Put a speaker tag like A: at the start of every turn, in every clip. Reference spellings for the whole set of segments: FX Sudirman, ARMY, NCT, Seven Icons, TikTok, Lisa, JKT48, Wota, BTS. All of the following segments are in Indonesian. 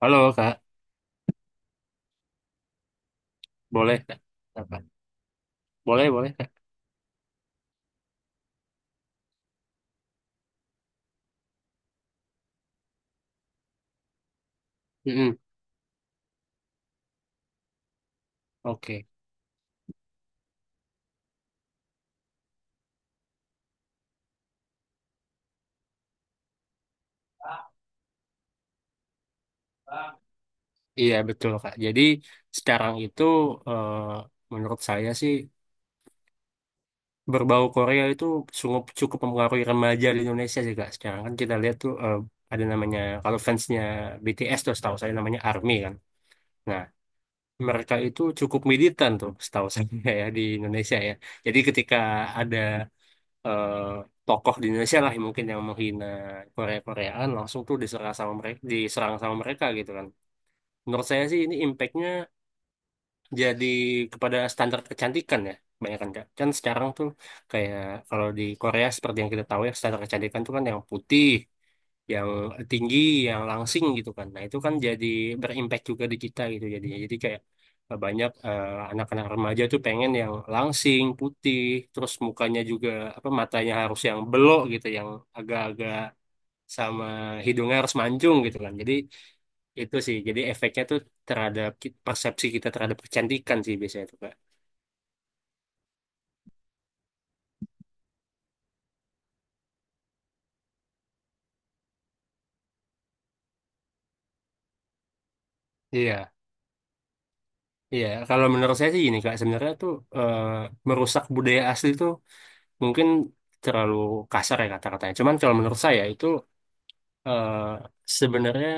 A: Halo Kak, boleh Kak? Apa? Boleh, boleh Kak. Mm-mm. Oke, iya betul Kak. Jadi sekarang itu eh, menurut saya sih berbau Korea itu sungguh cukup mempengaruhi remaja di Indonesia sih Kak. Sekarang kan kita lihat tuh ada namanya kalau fansnya BTS tuh setahu saya namanya ARMY kan. Nah mereka itu cukup militan tuh setahu saya ya di Indonesia ya. Jadi ketika ada eh, tokoh di Indonesia lah yang mungkin yang menghina Korea-Koreaan langsung tuh diserang sama mereka gitu kan, menurut saya sih ini impactnya jadi kepada standar kecantikan ya. Kebanyakan kan kan sekarang tuh kayak kalau di Korea seperti yang kita tahu ya, standar kecantikan tuh kan yang putih, yang tinggi, yang langsing gitu kan. Nah, itu kan jadi berimpact juga di kita gitu jadinya. Jadi kayak banyak anak-anak remaja tuh pengen yang langsing, putih, terus mukanya juga apa matanya harus yang belok gitu, yang agak-agak, sama hidungnya harus mancung gitu kan. Jadi itu sih, jadi efeknya tuh terhadap persepsi kita terhadap kecantikan sih biasanya tuh, Kak. Iya. Iya, kalau menurut saya sih gini Kak, sebenarnya tuh eh, merusak budaya asli tuh mungkin terlalu kasar ya kata-katanya. Cuman kalau menurut saya itu eh, sebenarnya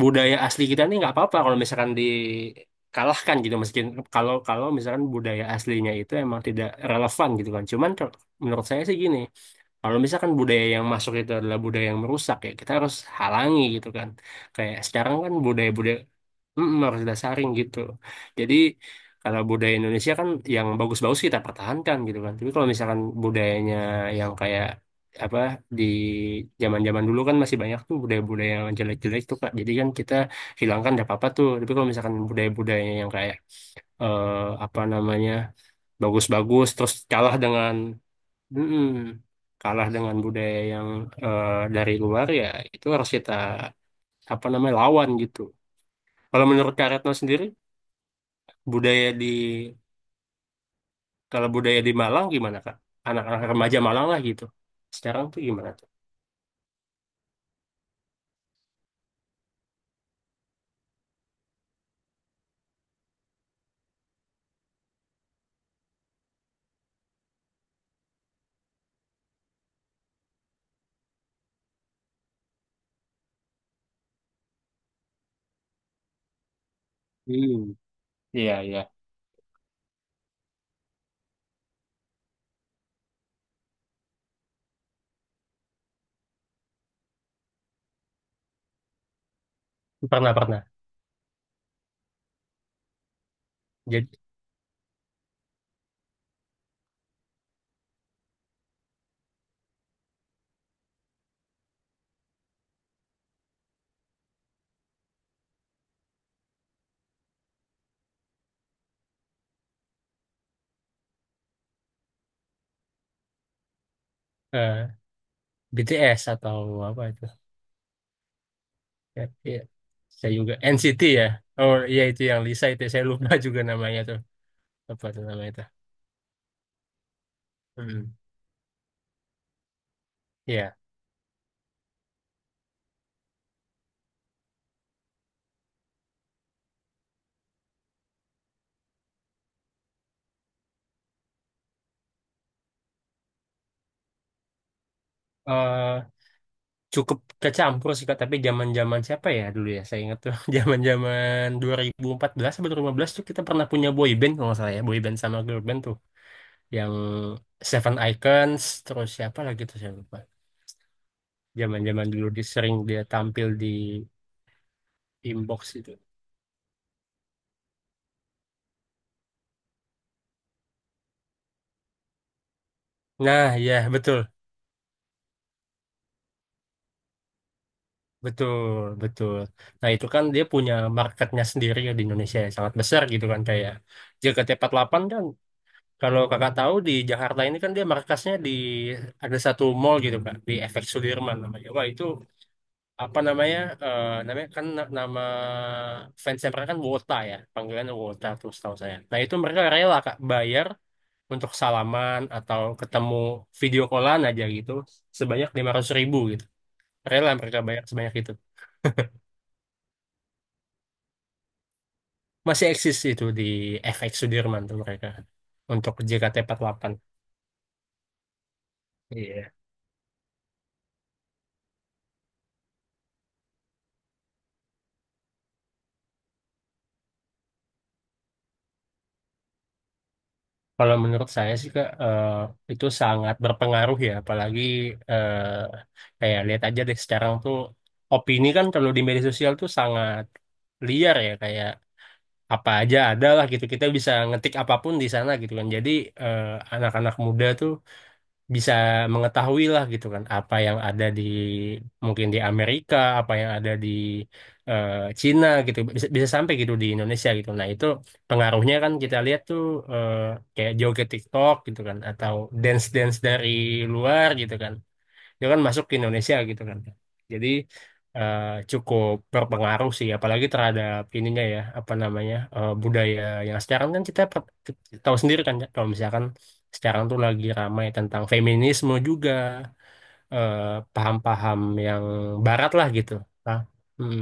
A: budaya asli kita ini nggak apa-apa kalau misalkan dikalahkan gitu, meskipun kalau kalau misalkan budaya aslinya itu emang tidak relevan gitu kan. Cuman menurut saya sih gini, kalau misalkan budaya yang masuk itu adalah budaya yang merusak ya kita harus halangi gitu kan. Kayak sekarang kan budaya-budaya harus dasarin gitu. Jadi kalau budaya Indonesia kan yang bagus-bagus kita pertahankan gitu kan. Tapi kalau misalkan budayanya yang kayak apa di zaman-zaman dulu kan masih banyak tuh budaya-budaya yang jelek-jelek tuh Kak. Jadi kan kita hilangkan enggak apa-apa tuh. Tapi kalau misalkan budaya-budayanya yang kayak eh, apa namanya bagus-bagus terus mm, kalah dengan budaya yang eh, dari luar ya itu harus kita apa namanya lawan gitu. Kalau menurut Kak Retno sendiri budaya di kalau budaya di Malang gimana Kak? Anak-anak remaja Malang lah gitu. Sekarang tuh gimana tuh? Hmm, iya iya. Pernah pernah. Jadi eh, BTS atau apa itu? Ya, iya. Saya juga NCT ya. Oh iya itu yang Lisa itu saya lupa juga namanya tuh. Apa tuh namanya itu? Hmm. Iya. Eh, Cukup kecampur sih Kak, tapi zaman-zaman siapa ya dulu ya? Saya ingat tuh zaman-zaman 2014 atau 2015 tuh kita pernah punya boy band kalau nggak salah ya, boy band sama girl band tuh. Yang Seven Icons terus siapa lagi tuh saya lupa. Zaman-zaman dulu dia sering, dia tampil di inbox itu. Nah ya, betul, betul, betul. Nah itu kan dia punya marketnya sendiri ya di Indonesia yang sangat besar gitu kan, kayak JKT48 kan. Kalau kakak tahu di Jakarta ini kan dia markasnya di ada satu mall gitu kak, di FX Sudirman namanya. Wah itu apa namanya, namanya kan nama fansnya mereka kan Wota ya, panggilannya Wota tuh setahu saya. Nah itu mereka rela kak bayar untuk salaman atau ketemu video callan aja gitu sebanyak 500.000 gitu, rela mereka bayar sebanyak itu. Masih eksis itu di FX Sudirman tuh mereka, untuk JKT48. Iya. Kalau menurut saya sih Kak, itu sangat berpengaruh ya, apalagi kayak lihat aja deh sekarang tuh opini kan kalau di media sosial tuh sangat liar ya, kayak apa aja ada lah gitu, kita bisa ngetik apapun di sana gitu kan. Jadi eh, anak-anak muda tuh bisa mengetahui lah gitu kan apa yang ada di mungkin di Amerika, apa yang ada di eh, Cina gitu bisa bisa sampai gitu di Indonesia gitu. Nah, itu pengaruhnya kan kita lihat tuh eh, kayak joget TikTok gitu kan, atau dance-dance dari luar gitu kan, dia kan masuk ke Indonesia gitu kan. Jadi eh, cukup berpengaruh sih, apalagi terhadap ininya ya apa namanya budaya yang sekarang kan kita tahu sendiri kan ya, kalau misalkan sekarang tuh lagi ramai tentang feminisme juga. eh, Paham-paham yang barat lah gitu. Nah, mm,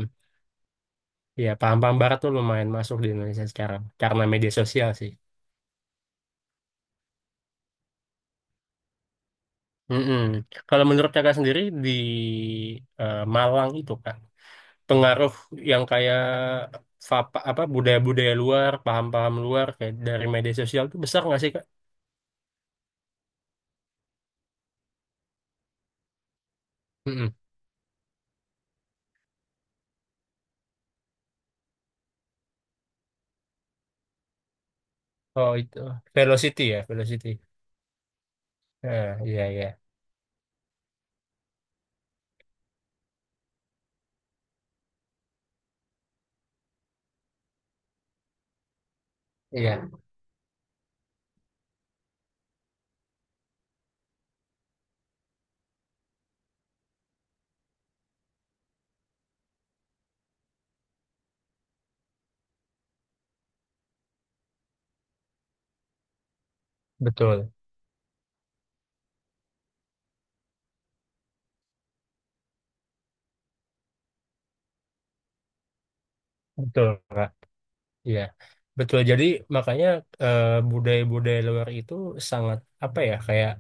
A: ya paham-paham barat tuh lumayan masuk di Indonesia sekarang karena media sosial sih. Mm-mm. Kalau menurut kakak sendiri di Malang itu kak, pengaruh yang kayak apa budaya-budaya luar, paham-paham luar kayak dari media sosial itu besar nggak sih Kak? Mm-mm. Oh itu velocity ya, velocity. Ah, iya iya, iya betul betul Kak. Iya betul. Jadi makanya eh, budaya-budaya luar itu sangat apa ya kayak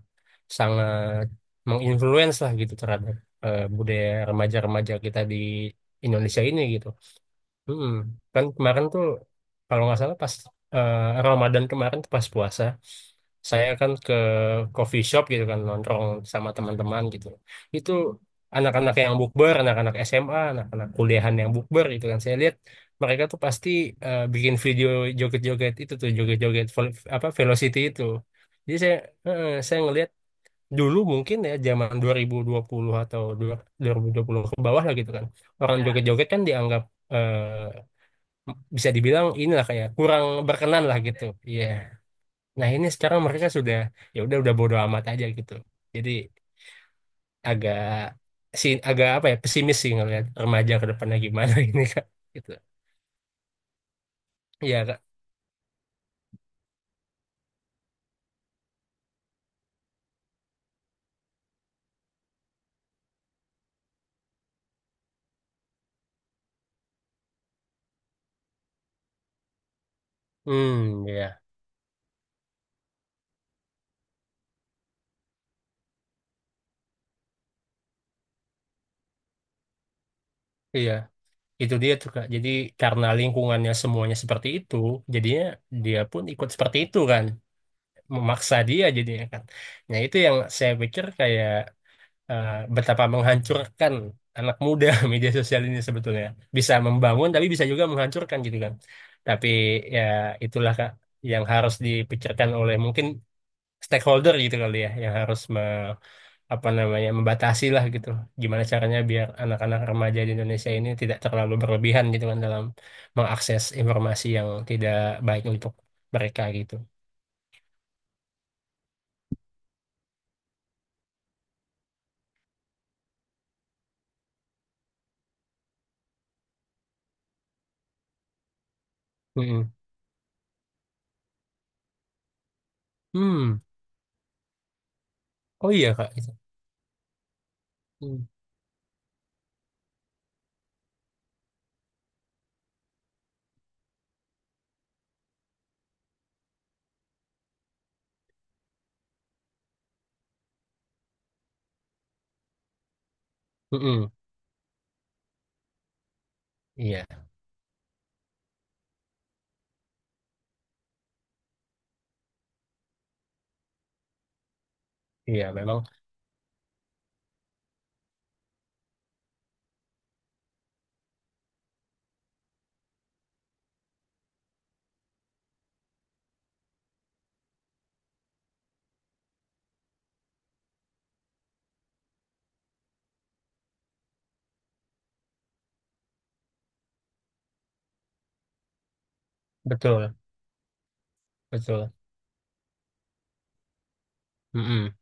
A: sangat menginfluence lah gitu terhadap budaya remaja-remaja kita di Indonesia ini gitu. Hmm, kan kemarin tuh kalau nggak salah pas eh, Ramadan kemarin tuh pas puasa, saya kan ke coffee shop gitu kan nongkrong sama teman-teman gitu. Itu anak-anak yang bukber, anak-anak SMA, anak-anak kuliahan yang bukber gitu kan. Saya lihat mereka tuh pasti bikin video joget-joget itu tuh, joget-joget apa velocity itu. Jadi saya ngelihat dulu mungkin ya zaman dua 2020 atau 2020 ke bawah lah gitu kan. Orang, ya, joget-joget kan dianggap eh, bisa dibilang inilah kayak kurang berkenan lah gitu. Iya. Nah, ini sekarang mereka sudah ya udah bodo amat aja gitu. Jadi agak agak apa ya pesimis sih ngelihat remaja ke depannya gimana ini Kak gitu. Iya, Kak. Hmm, iya. Iya. Itu dia tuh Kak. Jadi karena lingkungannya semuanya seperti itu, jadinya dia pun ikut seperti itu kan. Memaksa dia jadinya kan. Nah, itu yang saya pikir kayak eh, betapa menghancurkan anak muda media sosial ini sebetulnya. Bisa membangun tapi bisa juga menghancurkan gitu kan. Tapi ya itulah Kak yang harus dipikirkan oleh mungkin stakeholder gitu kali ya, yang harus apa namanya membatasi lah gitu. Gimana caranya biar anak-anak remaja di Indonesia ini tidak terlalu berlebihan gitu kan dalam mengakses informasi yang tidak baik untuk mereka gitu. Mm-mm. Hmm. Oh iya Kak itu. Mm. Mm-mm. Iya, iya memang betul. Betul. Mm-mm.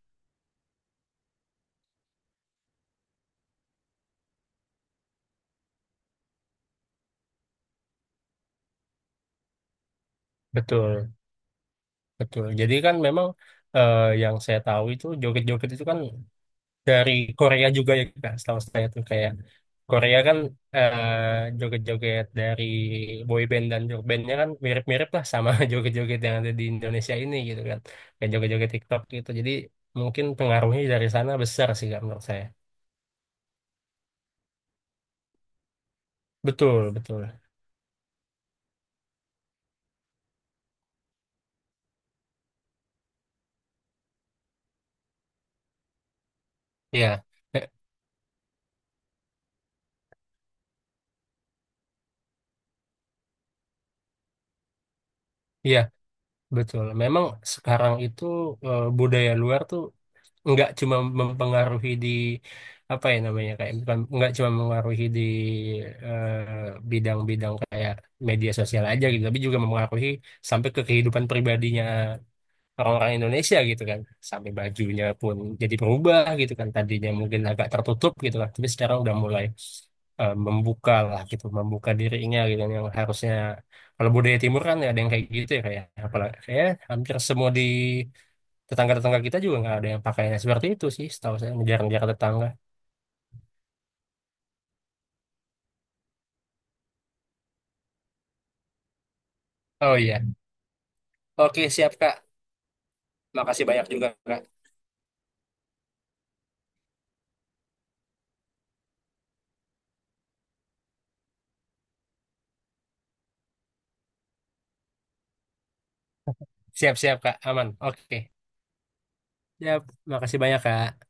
A: Betul, betul. Jadi kan memang yang saya tahu itu joget-joget itu kan dari Korea juga ya Kak, setahu saya tuh kayak Korea kan joget-joget dari boy band dan girl bandnya kan mirip-mirip lah sama joget-joget yang ada di Indonesia ini gitu kan. Kayak joget-joget TikTok gitu. Jadi mungkin pengaruhnya dari sana besar sih Kak menurut saya. Betul, betul. Iya. Eh, Iya, betul. Memang sekarang itu budaya luar tuh nggak cuma mempengaruhi di apa ya namanya kayak bukan nggak cuma mempengaruhi di eh, bidang-bidang kayak media sosial aja gitu tapi juga mempengaruhi sampai ke kehidupan pribadinya orang-orang Indonesia gitu kan sampai bajunya pun jadi berubah gitu kan, tadinya mungkin agak tertutup gitu kan tapi sekarang udah mulai membuka lah gitu membuka dirinya gitu kan. Yang harusnya kalau budaya timur kan ada yang kayak gitu ya, kayak apalagi ya hampir semua di tetangga-tetangga kita juga nggak ada yang pakainya seperti itu sih setahu saya, ngejar-ngejar tetangga. Oh iya, oke siap kak, makasih banyak juga kak, siap-siap kak aman, oke siap, makasih banyak kak.